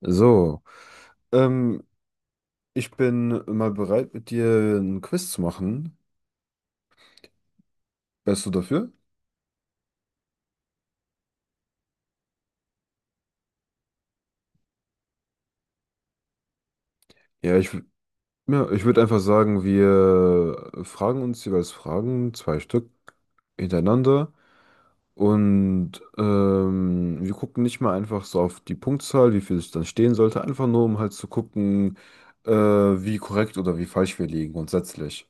So, ähm, ich bin mal bereit, mit dir ein Quiz zu machen. Wärst du dafür? Ja, ich, w- ja, ich würde einfach sagen, wir fragen uns jeweils Fragen, zwei Stück hintereinander. Und wir gucken nicht mal einfach so auf die Punktzahl, wie viel es dann stehen sollte, einfach nur, um halt zu gucken, wie korrekt oder wie falsch wir liegen grundsätzlich.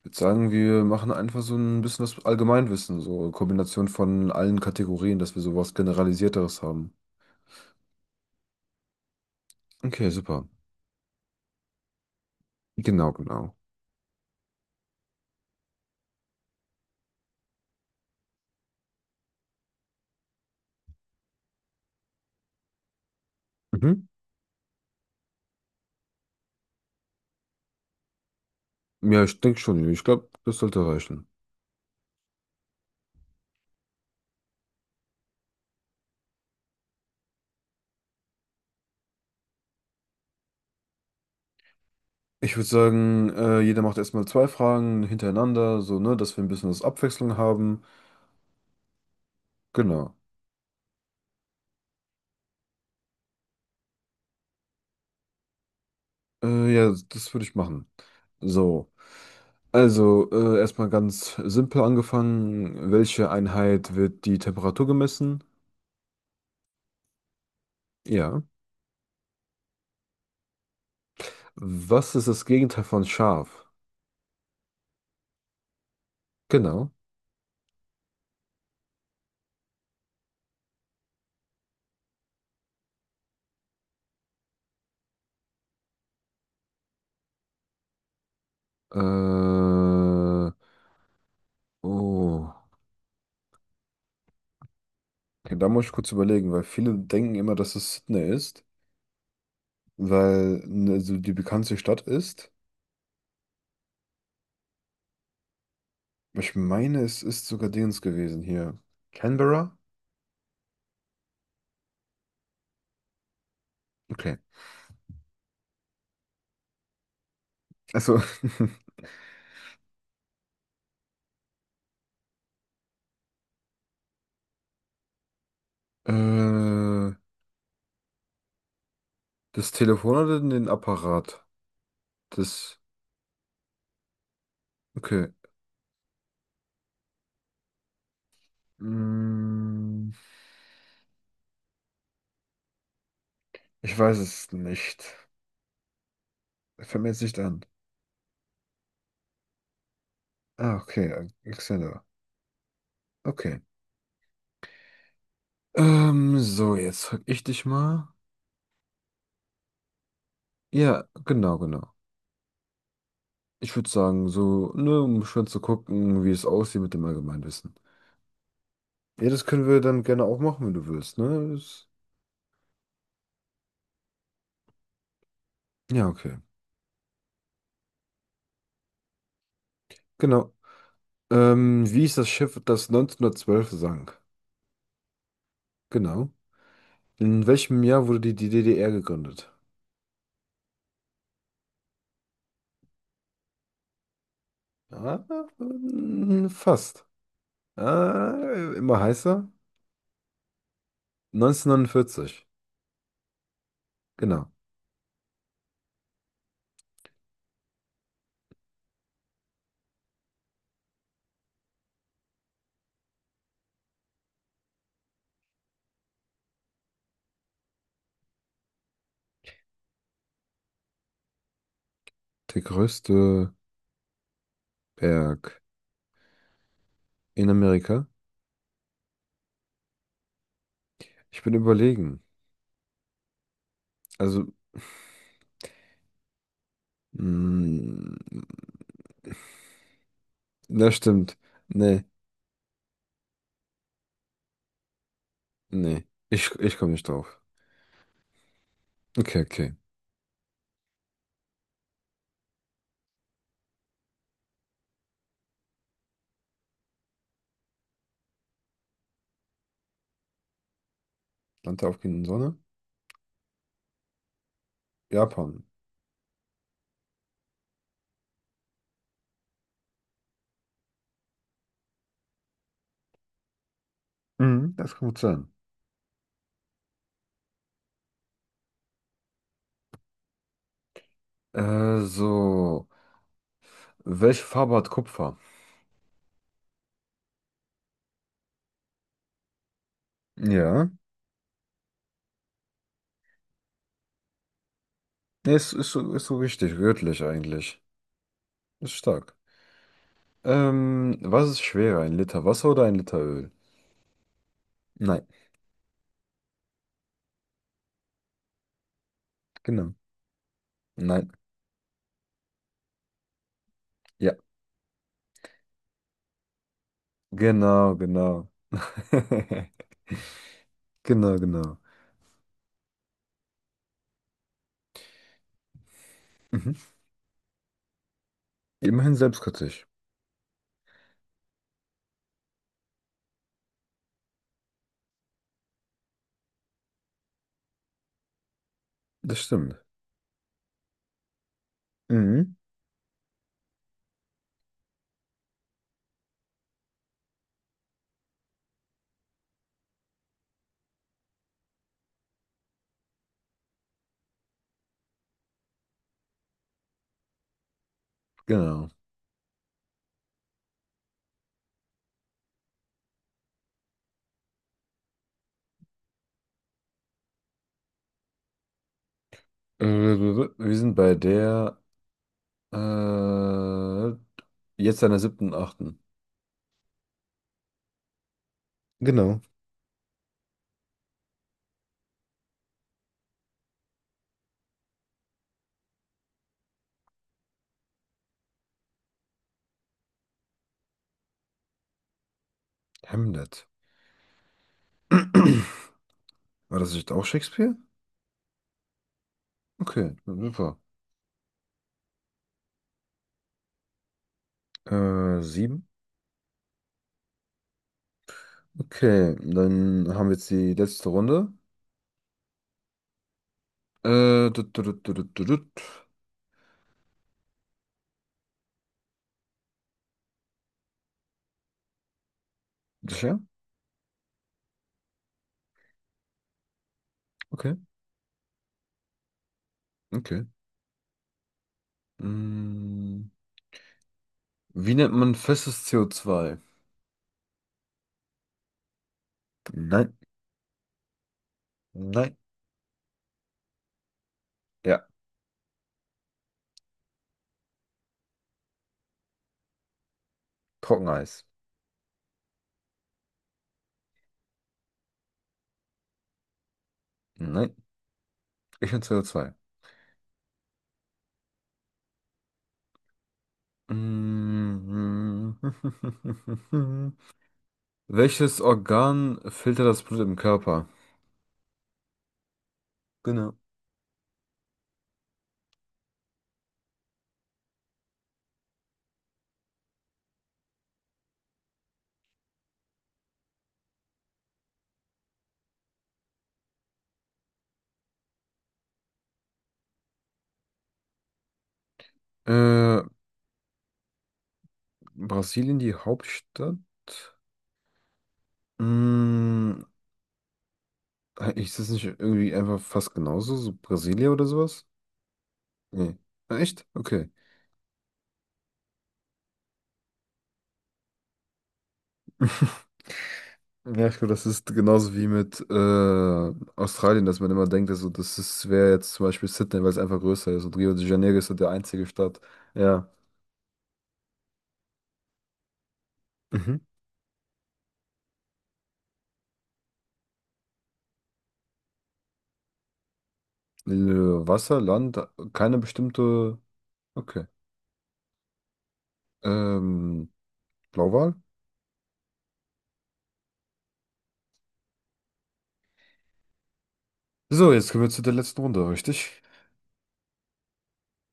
Ich würde sagen, wir machen einfach so ein bisschen das Allgemeinwissen, so Kombination von allen Kategorien, dass wir sowas Generalisierteres haben. Okay, super. Genau, genau. Mhm. Ja, ich denke schon. Ich glaube, das sollte reichen. Ich würde sagen, jeder macht erstmal zwei Fragen hintereinander, so, ne, dass wir ein bisschen was Abwechslung haben. Genau. Ja, das würde ich machen. So. Also, erstmal ganz simpel angefangen. Welche Einheit wird die Temperatur gemessen? Ja. Was ist das Gegenteil von scharf? Genau. Äh, oh. Okay, da muss ich kurz überlegen, weil viele denken immer, dass es Sydney ist, weil ne, so die bekannteste Stadt ist. Aber ich meine, es ist sogar Dings gewesen hier. Canberra? Okay. Also, äh, das Telefon oder den Apparat? Das, okay. Mm, ich weiß es nicht. Fällt mir jetzt nicht an. Ah, okay. Alexander. Okay. So, jetzt frag ich dich mal. Ja, genau, genau. Ich würde sagen, so, ne, um schon zu gucken, wie es aussieht mit dem Allgemeinwissen. Ja, das können wir dann gerne auch machen, wenn du willst, ne? Ja, okay. Genau. Wie ist das Schiff, das 1912 sank? Genau. In welchem Jahr wurde die DDR gegründet? Ah, fast. Ah, immer heißer. 1949. Genau. Der größte Berg in Amerika. Ich bin überlegen. Also, mh, Das stimmt. Nee, nee. Ich komme nicht drauf. Okay, okay. Land der aufgehenden Sonne? Japan. Mhm, das kann gut sein. So. Welche Farbe hat Kupfer? Ja. Nee, ist so richtig. Rötlich eigentlich. Ist stark. Was ist schwerer? Ein Liter Wasser oder ein Liter Öl? Nein. Genau. Nein. Ja. Genau, genau. Genau, genau. Mhm. Immerhin selbstkritisch. Das stimmt. Mhm. Genau. Äh, Wir sind bei der Äh, jetzt an der siebten, achten. Genau. Hamlet. War das nicht auch Shakespeare? Okay, super. Sieben. Okay, dann haben wir jetzt die letzte Runde. Tut, tut, tut, tut, tut, tut. Sicher? Okay, okay. Mm, wie nennt man festes CO2? Nein, nein. Ja, Trockeneis. Nein, ich bin CO2. Mm. Welches Organ filtert das Blut im Körper? Genau. Äh, Brasilien, die Hauptstadt? Hm, ist das nicht irgendwie einfach fast genauso? So Brasilia oder sowas? Nee. Ah, echt? Okay. Ja, ich glaube, das ist genauso wie mit Australien, dass man immer denkt, also das ist, wäre jetzt zum Beispiel Sydney, weil es einfach größer ist. Und Rio de Janeiro ist so der einzige Stadt. Ja. Mhm. Äh, Wasser, Land, keine bestimmte. Okay. Ähm, Blauwal? So, jetzt kommen wir zu der letzten Runde, richtig?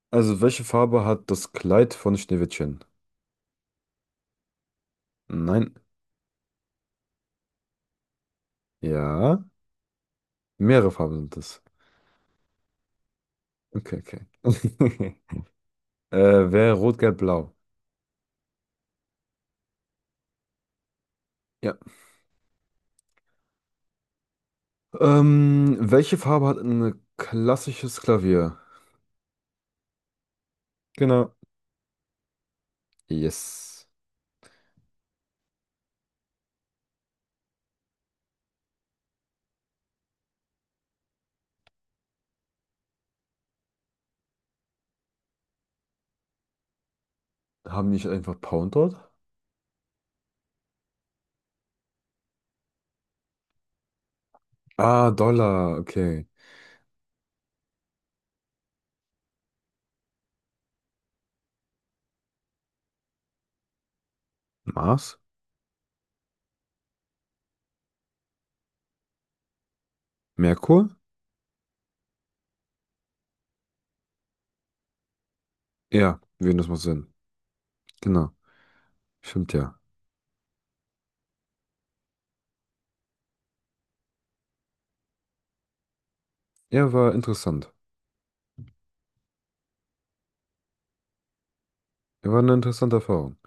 Also, welche Farbe hat das Kleid von Schneewittchen? Nein. Ja. Mehrere Farben sind es. Okay, okay. äh, wäre rot, gelb, blau. Ja. Welche Farbe hat ein klassisches Klavier? Genau. Yes. Haben die nicht einfach Pound dort? Ah, Dollar. Okay. Mars? Merkur? Ja, Venus macht Sinn. Genau. Stimmt ja. Ja, war interessant. Ja, war eine interessante Erfahrung.